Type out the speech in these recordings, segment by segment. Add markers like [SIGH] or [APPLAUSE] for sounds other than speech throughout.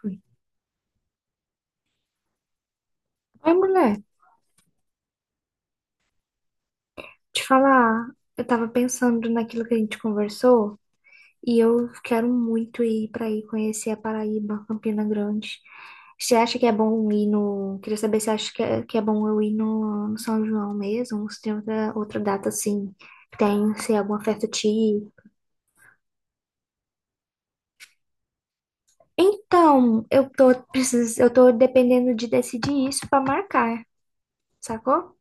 Fui. Ai, mulher, te falar, eu tava pensando naquilo que a gente conversou e eu quero muito ir conhecer a Paraíba, Campina Grande. Você acha que é bom ir no. Queria saber se acha que é bom eu ir no São João mesmo, ou se tem outra data assim, que tem, se é alguma festa te ir. Então, eu tô dependendo de decidir isso pra marcar, sacou?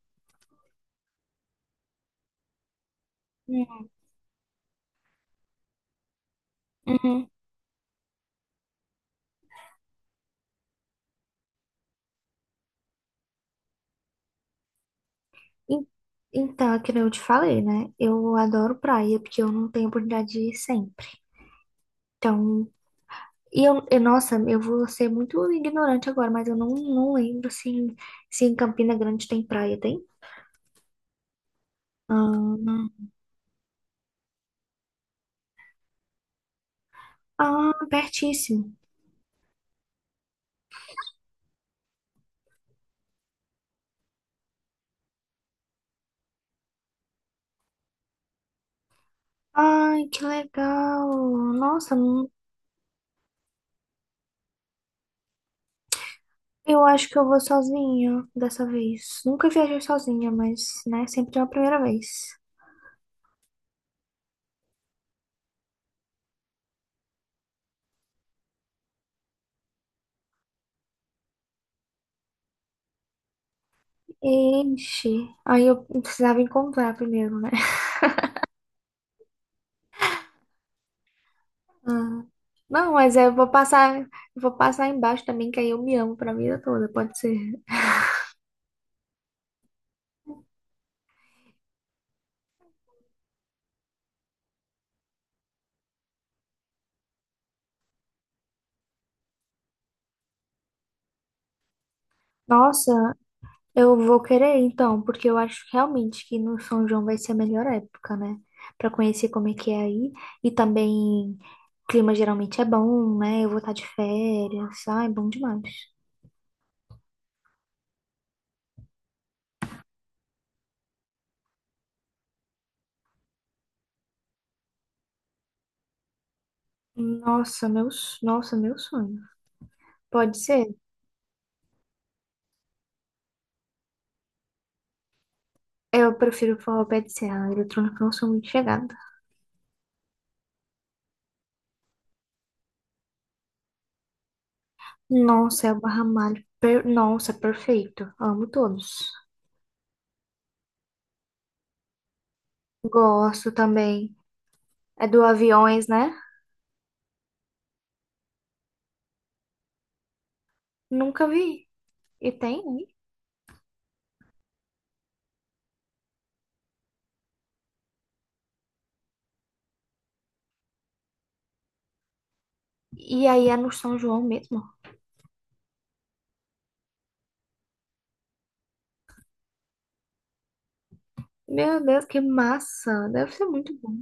Uhum. En- Então, é que nem eu te falei, né? Eu adoro praia, porque eu não tenho oportunidade de ir sempre. Então, nossa, eu vou ser muito ignorante agora, mas eu não lembro se, se em Campina Grande tem praia, tem? Ah, ah, pertíssimo. Ai, que legal. Nossa, não- eu acho que eu vou sozinha dessa vez. Nunca viajei sozinha, mas, né, sempre é a primeira vez. Ixi, aí eu precisava encontrar primeiro, né? Ah, não, mas eu vou passar embaixo também, que aí eu me amo pra vida toda, pode ser. Nossa, eu vou querer então, porque eu acho realmente que no São João vai ser a melhor época, né? Pra conhecer como é que é aí. E também, clima geralmente é bom, né? Eu vou estar de férias, ai, é bom demais. Nossa, meu sonho. Pode ser? Eu prefiro o forró pé de serra, eletrônica eu não sou muito chegada. Nossa, é o Barra Malha. Nossa, perfeito. Amo todos. Gosto também. É do Aviões, né? Nunca vi. E tem, né? E aí é no São João mesmo. Meu Deus, que massa! Deve ser muito bom.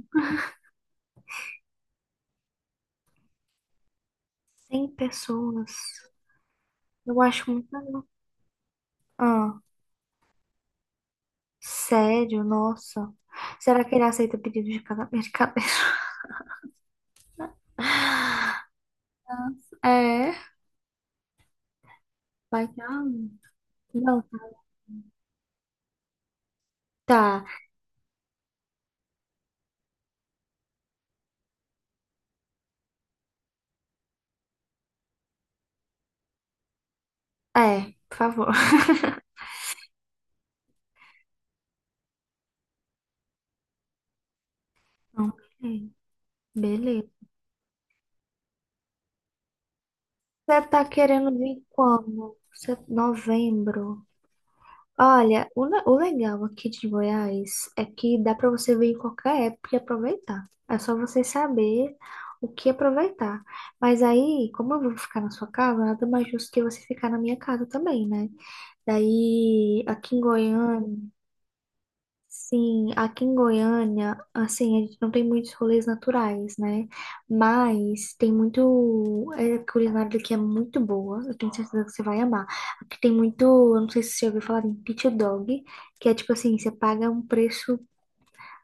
100 pessoas. Eu acho muito legal. Ah, sério? Nossa. Será que ele aceita pedido de casamento? De cabeça? [LAUGHS] Nossa, é, vai que... ah, não, tá. É, por favor. [LAUGHS] Não, ok. Beleza. Você tá querendo vir quando? Novembro. Olha, o legal aqui de Goiás é que dá para você vir em qualquer época e aproveitar. É só você saber o que aproveitar. Mas aí, como eu vou ficar na sua casa, nada mais justo que você ficar na minha casa também, né? Daí, aqui em Goiânia, Sim, aqui em Goiânia, assim, a gente não tem muitos rolês naturais, né? Mas tem muito. A culinária daqui é muito boa, eu tenho certeza que você vai amar. Aqui tem muito. Eu não sei se você já ouviu falar em pit dog, que é tipo assim: você paga um preço,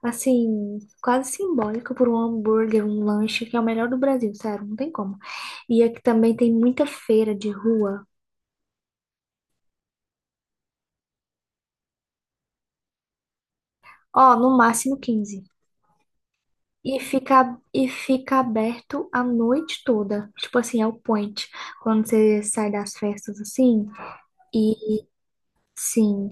assim, quase simbólico por um hambúrguer, um lanche, que é o melhor do Brasil, sério, não tem como. E aqui também tem muita feira de rua, ó, no máximo 15. E fica aberto a noite toda. Tipo assim, é o point. Quando você sai das festas assim, e sim,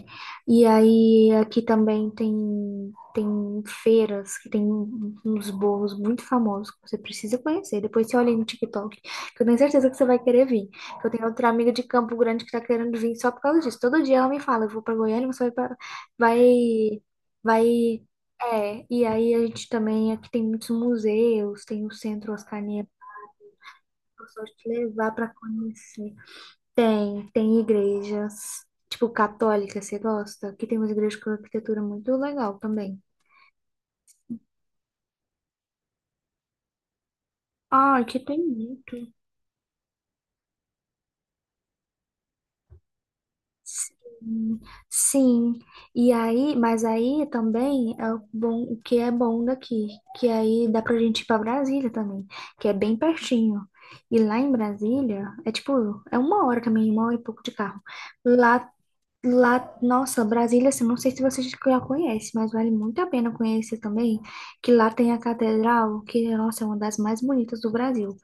e aí aqui também tem feiras que tem uns bolos muito famosos que você precisa conhecer. Depois você olha aí no TikTok, que eu tenho certeza que você vai querer vir. Eu tenho outra amiga de Campo Grande que tá querendo vir só por causa disso. Todo dia ela me fala, eu vou pra Goiânia, você vai pra... vai, vai, é. E aí a gente também, aqui tem muitos museus, tem o Centro Oscar Niemeyer, que eu posso te levar para conhecer. Tem igrejas, tipo católica, você gosta? Que tem umas igrejas com arquitetura muito legal também. Ah, que tem muito. Sim, sim. E aí, mas aí também é o bom, o que é bom daqui, que aí dá pra gente ir pra Brasília também, que é bem pertinho. E lá em Brasília, é tipo, é uma hora também, uma hora e pouco de carro. Lá Lá, nossa, Brasília, assim, não sei se vocês já conhecem, mas vale muito a pena conhecer também, que lá tem a catedral, que, nossa, é uma das mais bonitas do Brasil.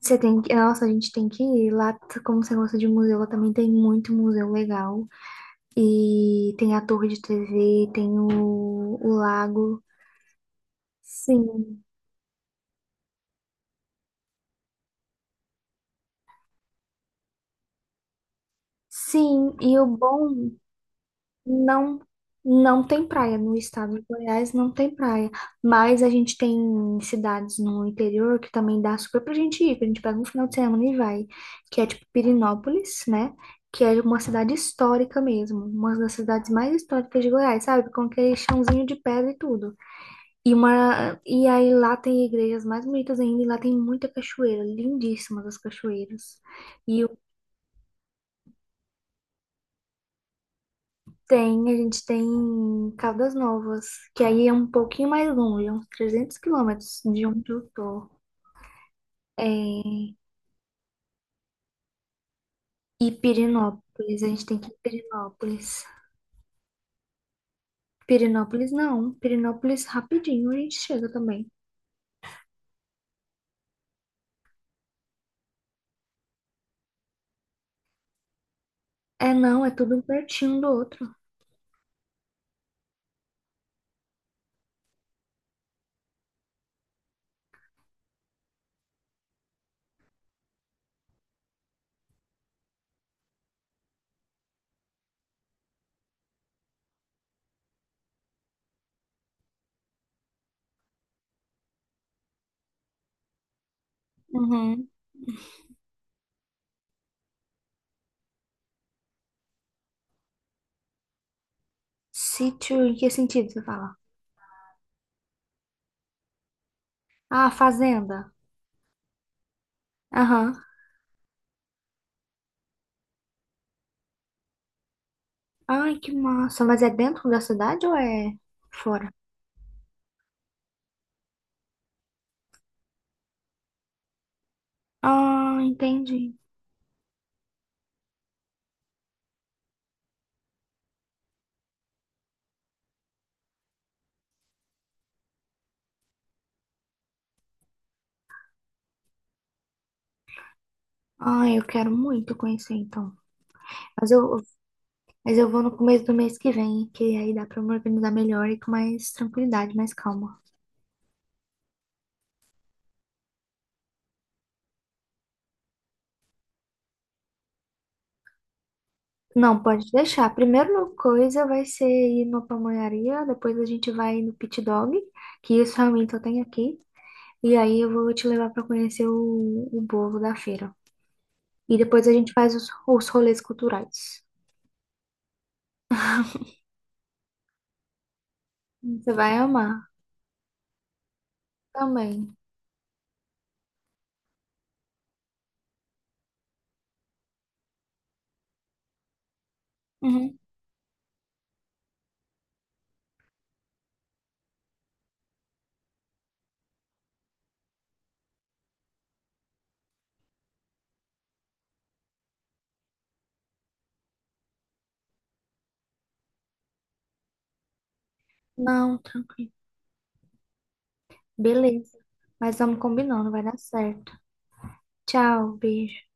Você tem que, nossa, a gente tem que ir lá, como você gosta de museu, lá também tem muito museu legal. E tem a torre de TV, o lago. Sim, sim, e o bom não, não tem praia no estado de Goiás, não tem praia. Mas a gente tem cidades no interior que também dá super pra gente ir, que a gente pega um final de semana e vai, que é tipo Pirinópolis, né? Que é uma cidade histórica mesmo, uma das cidades mais históricas de Goiás, sabe? Com aquele chãozinho de pedra e tudo. E aí lá tem igrejas mais bonitas ainda, e lá tem muita cachoeira, lindíssimas as cachoeiras. E Tem, a gente tem Caldas Novas, que aí é um pouquinho mais longe, é uns 300 km de onde eu tô. É... E Pirenópolis, a gente tem que ir em Pirenópolis. Pirenópolis não, Pirenópolis rapidinho a gente chega também. É não, é tudo um pertinho do outro. Uhum. Sítio, em que sentido você fala? Ah, fazenda. Aham. Ai, que massa. Mas é dentro da cidade ou é fora? Ah, entendi. Ah, eu quero muito conhecer então. Mas eu Mas eu vou no começo do mês que vem, que aí dá pra eu me organizar melhor e com mais tranquilidade, mais calma. Não, pode deixar. A primeira coisa vai ser ir numa pamonharia, depois a gente vai no Pit Dog, que isso realmente eu tenho aqui. E aí eu vou te levar pra conhecer o bolo da feira. E depois a gente faz os rolês culturais. Você vai amar também. Uhum. Não, tranquilo. Beleza. Mas vamos combinando, vai dar certo. Tchau, beijo.